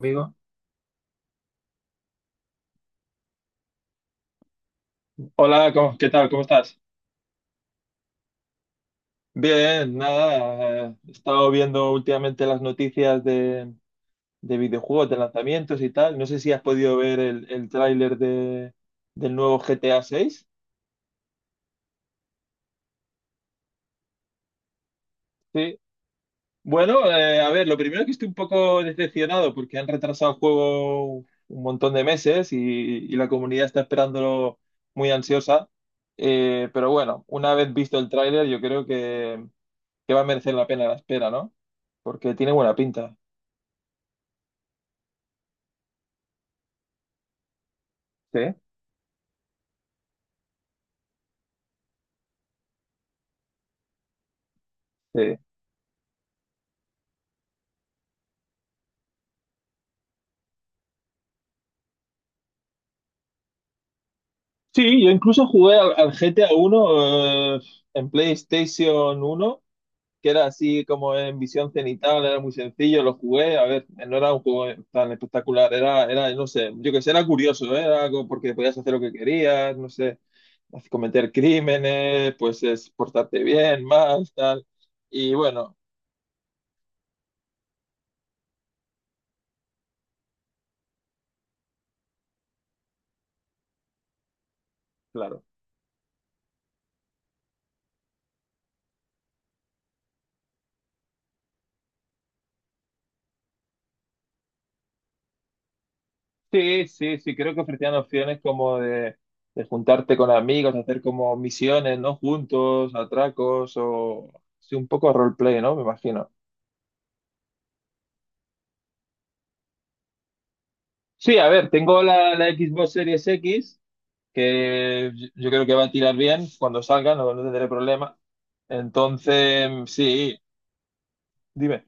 Amigo. Hola, ¿qué tal? ¿Cómo estás? Bien, nada, he estado viendo últimamente las noticias de videojuegos, de lanzamientos y tal. No sé si has podido ver el tráiler del nuevo GTA 6. Sí. Bueno, a ver, lo primero que estoy un poco decepcionado porque han retrasado el juego un montón de meses y la comunidad está esperándolo muy ansiosa. Pero bueno, una vez visto el tráiler, que va a merecer la pena la espera, ¿no? Porque tiene buena pinta. Sí, sí. Sí, yo incluso jugué al GTA uno, en PlayStation uno, que era así como en visión cenital, era muy sencillo, lo jugué, a ver, no era un juego tan espectacular, no sé, yo que sé, era curioso, ¿eh? Era algo porque podías hacer lo que querías, no sé, cometer crímenes, pues es portarte bien, mal, tal, y bueno, claro. Sí, sí, sí, creo que ofrecían opciones de juntarte con amigos, hacer como misiones, ¿no? Juntos, atracos o sí, un poco roleplay, ¿no? Me imagino. Sí, a ver, tengo la Xbox Series X, que yo creo que va a tirar bien cuando salga, no, no tendré problema. Entonces, sí, dime.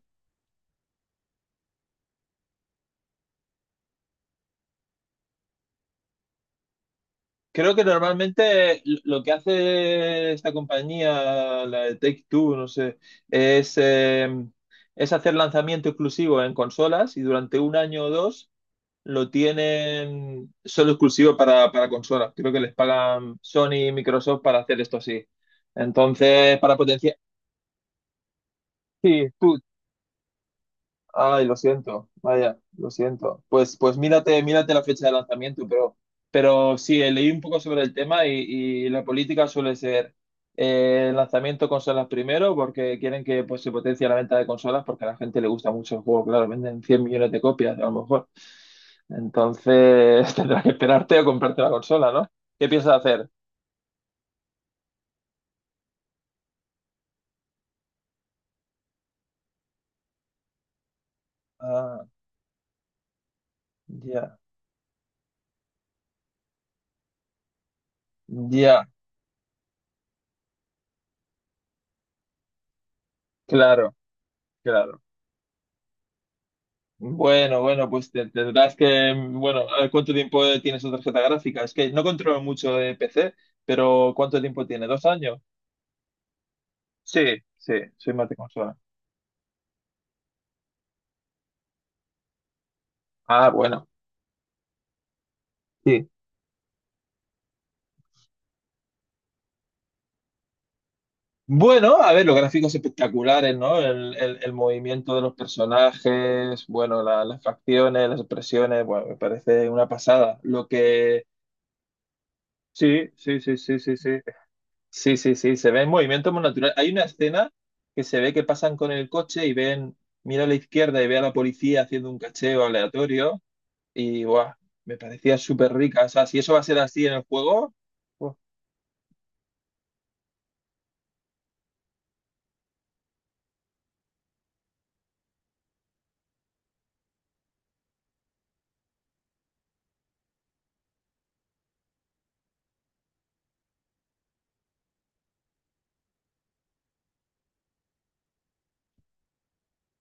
Creo que normalmente lo que hace esta compañía, la de Take-Two, no sé, es, eh, es hacer lanzamiento exclusivo en consolas y durante un año o dos lo tienen solo exclusivo para consolas. Creo que les pagan Sony y Microsoft para hacer esto así. Entonces, para potenciar... Sí, tú, ay, lo siento, vaya, lo siento. Pues, mírate la fecha de lanzamiento, pero sí, leí un poco sobre el tema y la política suele ser, el lanzamiento de consolas primero, porque quieren que, pues, se potencie la venta de consolas, porque a la gente le gusta mucho el juego, claro, venden 100 millones de copias a lo mejor. Entonces tendrás que esperarte a comprarte la consola, ¿no? ¿Qué piensas hacer? Ah, ya, ya, claro, claro. Bueno, pues tendrás que, bueno, a ver, ¿cuánto tiempo tiene su tarjeta gráfica? Es que no controlo mucho de PC, pero ¿cuánto tiempo tiene? ¿Dos años? Sí, sí, soy más de consola. Ah, bueno, sí. Bueno, a ver, los gráficos espectaculares, ¿no? El movimiento de los personajes, bueno, las facciones, las expresiones, bueno, me parece una pasada. Lo que... Sí, sí, sí, sí, sí, sí. Sí, sí, sí, se ve en movimiento muy natural. Hay una escena que se ve que pasan con el coche y ven, mira a la izquierda y ve a la policía haciendo un cacheo aleatorio y guau, me parecía súper rica. O sea, si eso va a ser así en el juego,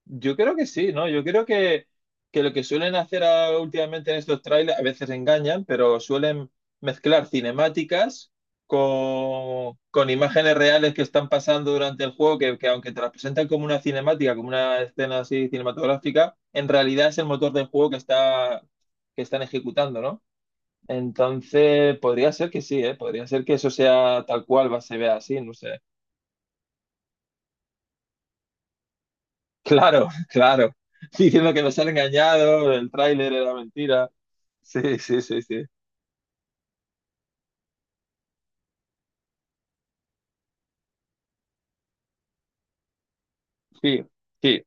yo creo que sí, ¿no? Que lo que suelen hacer, últimamente en estos trailers, a veces engañan, pero suelen mezclar cinemáticas con imágenes reales que están pasando durante el juego, que aunque te las presentan como una cinemática, como una escena así cinematográfica, en realidad es el motor del juego que está, que están ejecutando, ¿no? Entonces, podría ser que sí, ¿eh? Podría ser que eso sea tal cual, va, se vea así, no sé. Claro, claro. Diciendo que nos han engañado, el tráiler era mentira. Sí, sí, sí, sí. Sí, sí,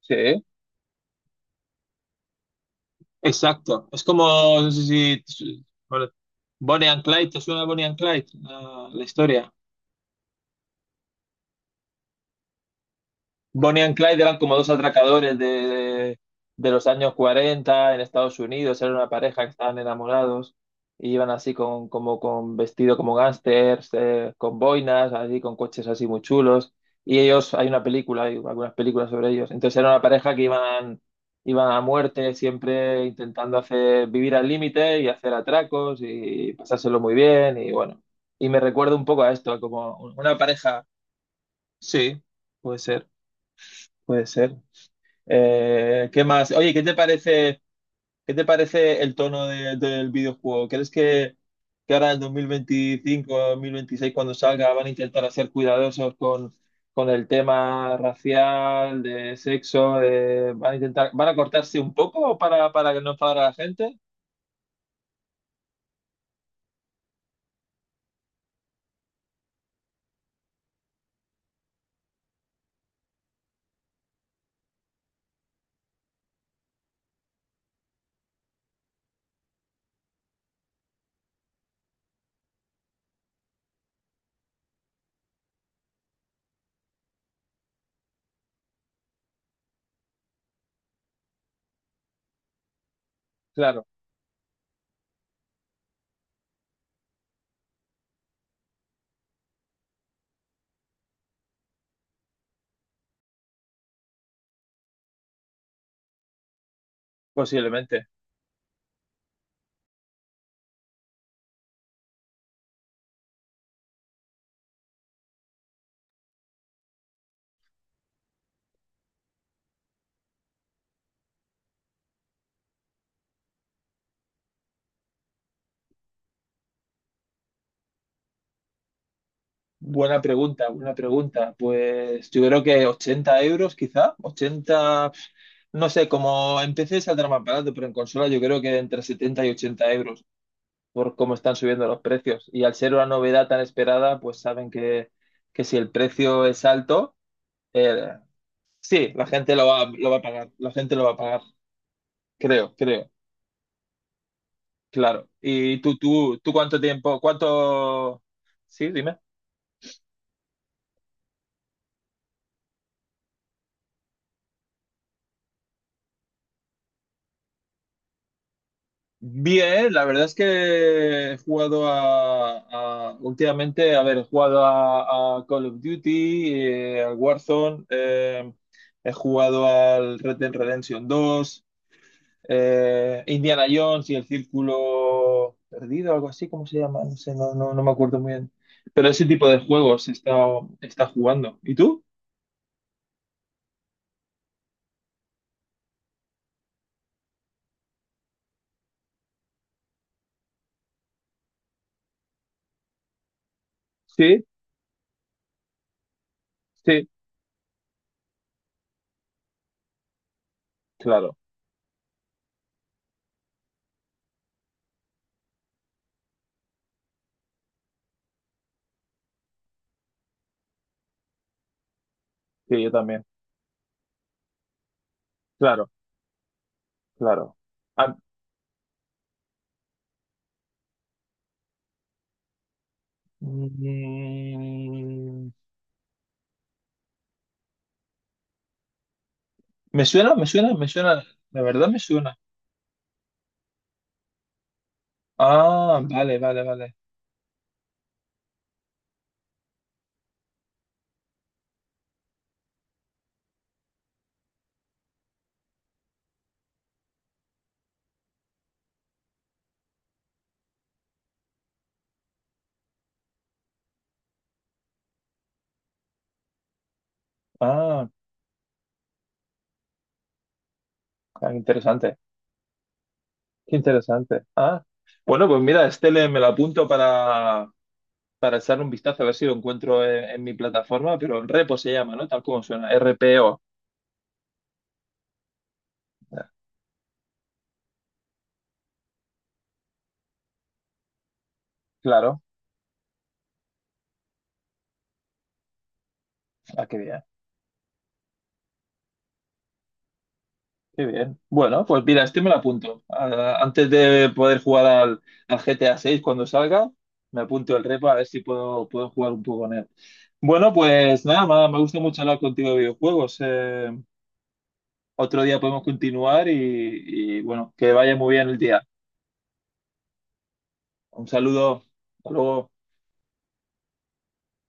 sí. Exacto. Es como, no sé si, bueno, Bonnie and Clyde, ¿te suena Bonnie and Clyde? La historia. Bonnie and Clyde eran como dos atracadores de los años 40 en Estados Unidos, era una pareja que estaban enamorados y iban así con, como, con vestido como gángsters, con boinas, así con coches así muy chulos. Y ellos, hay una película, hay algunas películas sobre ellos. Entonces era una pareja que iban, iban a muerte, siempre intentando hacer, vivir al límite y hacer atracos y pasárselo muy bien. Y bueno, y me recuerda un poco a esto, como una pareja, sí, puede ser. Puede ser. ¿Qué más? Oye, ¿qué te parece el tono del videojuego? ¿Que ahora en 2025, 2026, cuando salga, van a intentar ser cuidadosos con el tema racial, de sexo? ¿Van a intentar, van a cortarse un poco para que no enfadara a la gente? Claro, posiblemente. Buena pregunta, buena pregunta. Pues yo creo que 80 euros quizá, 80 pf, no sé, como empecé saldrá más barato, pero en consola yo creo que entre 70 y 80 euros por cómo están subiendo los precios. Y al ser una novedad tan esperada, pues saben que si el precio es alto, eh, sí, la gente lo va a pagar, la gente lo va a pagar, creo, creo, claro. ¿Y tú cuánto tiempo, cuánto... Sí, bien, la verdad es que he jugado a, últimamente, a ver, he jugado a Call of Duty, al Warzone, he jugado al Red Dead Redemption dos, Indiana Jones y el Círculo Perdido, algo así, ¿cómo se llama? No sé, no me acuerdo muy bien. Pero ese tipo de juegos está jugando. ¿Y tú? Sí, sí, claro, sí, yo también, claro, claro. Ah, mm, me suena, me suena, me suena, de verdad me suena. Ah, vale, vale, vale. Ah, ah, interesante, qué interesante. Ah, bueno, pues mira, me lo apunto para echar un vistazo, a ver si lo encuentro en mi plataforma, pero Repo se llama, ¿no? Tal como suena, RPO. Claro, ah, qué bien. Qué bien. Bueno, pues mira, este me lo apunto. Ah, antes de poder jugar al GTA 6 cuando salga, me apunto el repo a ver si puedo, puedo jugar un poco con él. Bueno, pues nada, me gusta mucho hablar contigo de videojuegos. Otro día podemos continuar y bueno, que vaya muy bien el día. Un saludo. Hasta luego.